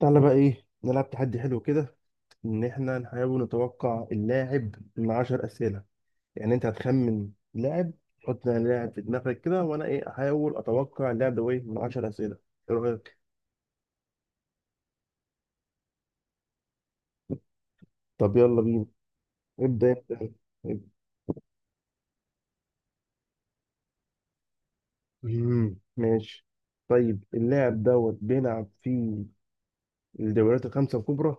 تعالى بقى ايه؟ نلعب تحدي حلو كده، ان احنا نحاول نتوقع اللاعب من 10 اسئله. يعني انت هتخمن لاعب، تحط لاعب في دماغك كده، وانا ايه احاول اتوقع اللاعب ده ايه من 10 اسئله. ايه رايك؟ طب يلا بينا. ابدا انت. ابدأ. ماشي. طيب اللاعب دوت بيلعب في الدوريات الخمسه الكبرى.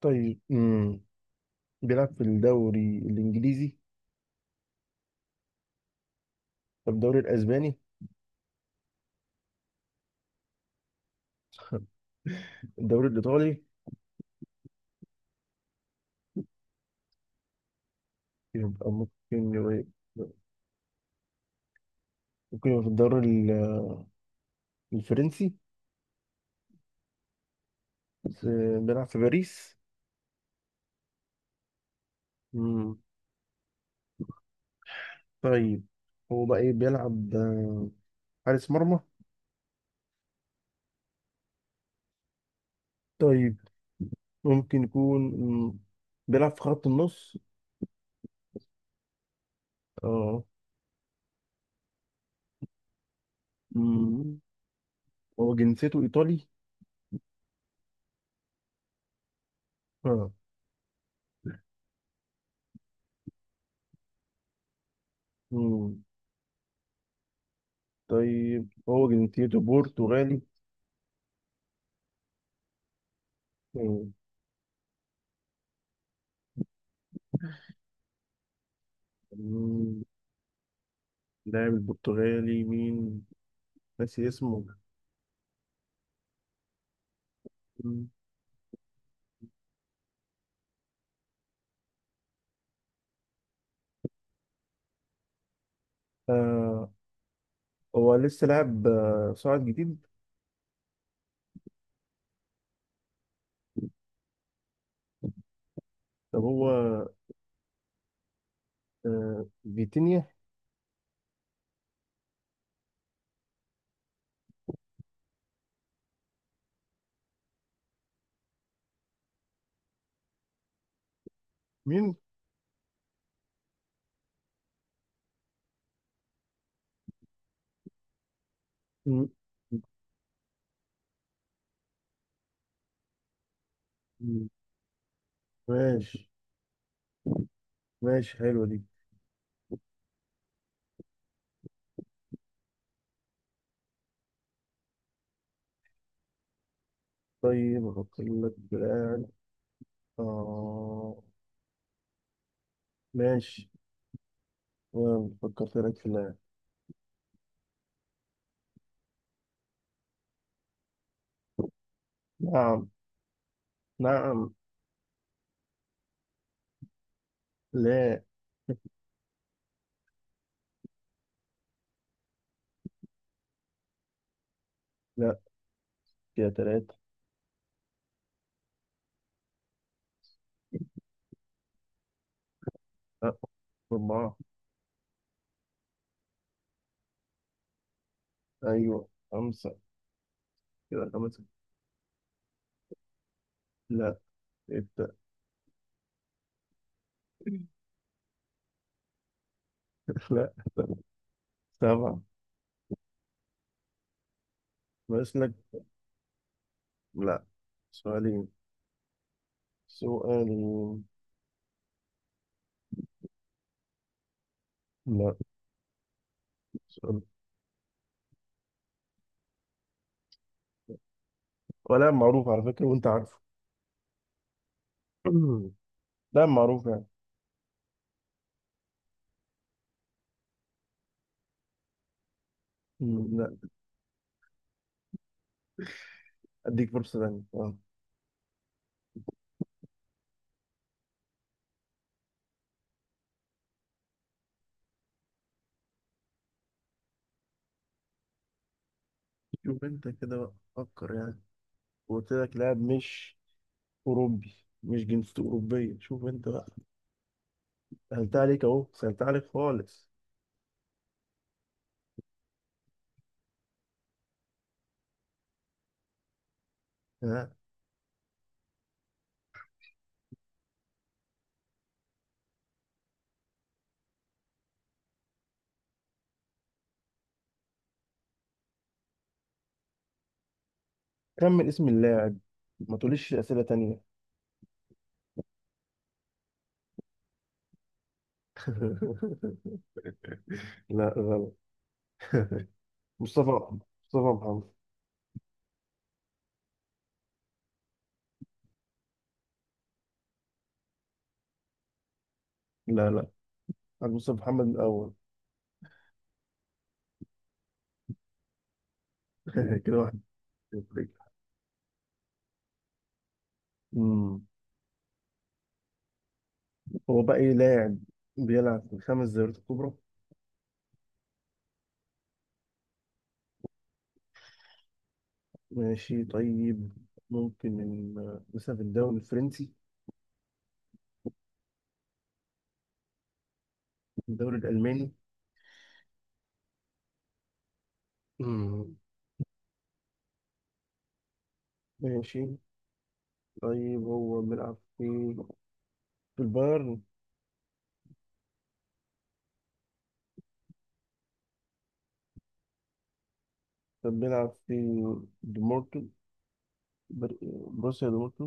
طيب بيلعب في الدوري الانجليزي؟ طب الدوري الاسباني؟ الدوري الايطالي؟ يبقى ممكن يبقى في الدوري الفرنسي. بس- بيلعب في باريس. مم. طيب، هو بقى ايه بيلعب؟ حارس مرمى؟ طيب ممكن يكون، بيلعب في خط النص؟ اه. مم. هو جنسيته ايطالي؟ اه. مم. طيب هو جنسيته برتغالي؟ مم. مم. لاعب البرتغالي مين؟ ناسي اسمه. مم. آه. هو لسه لاعب صاعد جديد؟ طب هو آه. فيتينيا؟ مين؟ مم. ماشي. ماشي، حلوة دي. طيب أفكر لك في لاعب. آه. ماشي. فكرت لك في لاعب. نعم، نعم. لا. لا، كده تلاتة. لا، أربعة. أيوة، خمسة. كده خمسة. لا، ستة. لا، سبعة. بس لك. لا، سؤالين. سؤالين. لا، سؤال. ولا معروف على فكرة، وأنت عارفه. لا معروف يعني. لا. أديك فرصة تانية آه. شوف أنت كده بقى، فكر يعني. وقلت لك لاعب مش أوروبي. مش جنسيته أوروبية، شوف أنت بقى. سهلت عليك أهو، سهلت عليك خالص. ها؟ كمل اسم اللاعب. ما تقوليش أسئلة تانية. لا، غلط. مصطفى مصطفى محمد. لا لا، عن مصطفى محمد من الأول. كده واحد صفر. أمم. هو بقى إيه؟ لاعب بيلعب في الخمس دوريات الكبرى. ماشي طيب. ممكن من مثلا في الدوري الفرنسي؟ الدوري الألماني؟ مم. ماشي. طيب هو بيلعب في البايرن؟ كان بيلعب في دمورتو، بر- بروسيا دمورتو؟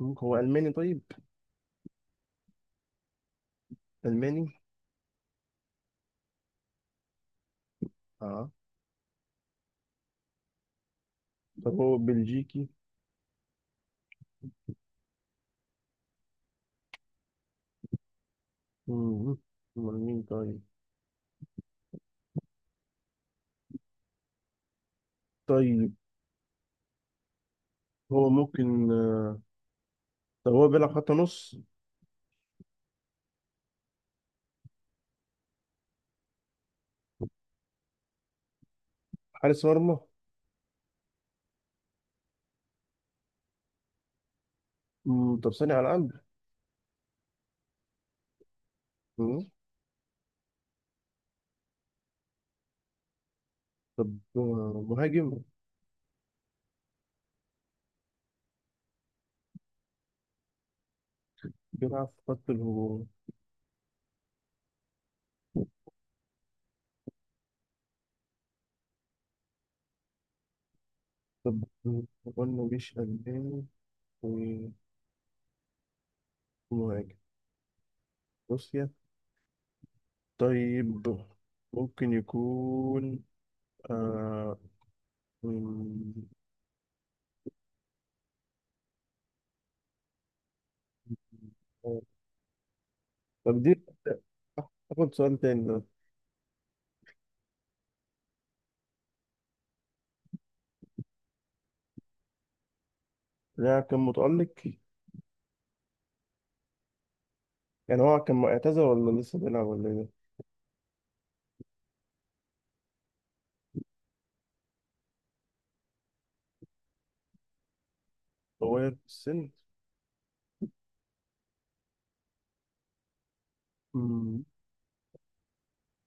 هو ألماني طيب؟ ألماني؟ اه. طب هو بلجيكي؟ مم. أمال مين طيب؟ طيب هو ممكن طب هو بيلعب خط نص؟ حارس مرمى؟ طب صانع ألعاب؟ مم، طب مهاجم؟ بيلعب في خط الهجوم. طب قلنا مش ألماني، ومهاجم. بص طيب، ممكن يكون آه... مم، طب دي آخد سؤال تاني ده. لا كان متألق. يعني هو كان معتزل ولا لسه بيلعب ولا ايه؟ صغير في السن؟ مم،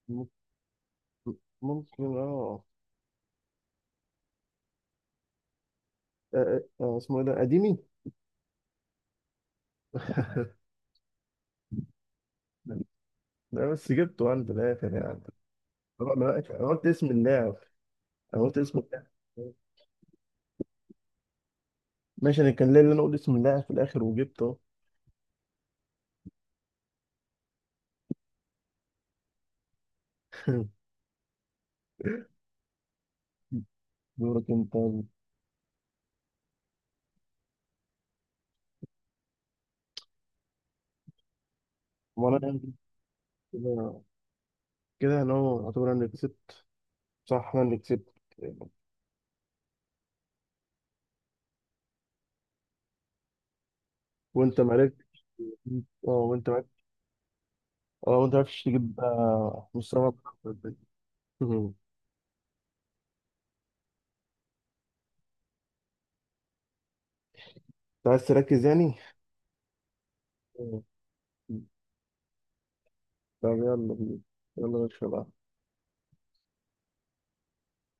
ممكن، ممكن اه. اسمه ايه ده؟ قديمي؟ لا بس جبته عند الآخر يعني. طبعا أنا قلت اسم اللاعب. أنا قلت اسم اللاعب. ماشي، أنا كان ليا اللي أنا أقول اسم اللاعب في الآخر وجبته. دورك أنت. وأنا كده، انا يعتبر انا اللي كسبت. صح، انا اللي كسبت. وانت معرفت. اه، وانت معرفت. اه، وانت معرفتش تجيب مستوى أكتر. مم. انت عايز تركز يعني. مم. طب يلا بينا، يلا نشرب قهوة.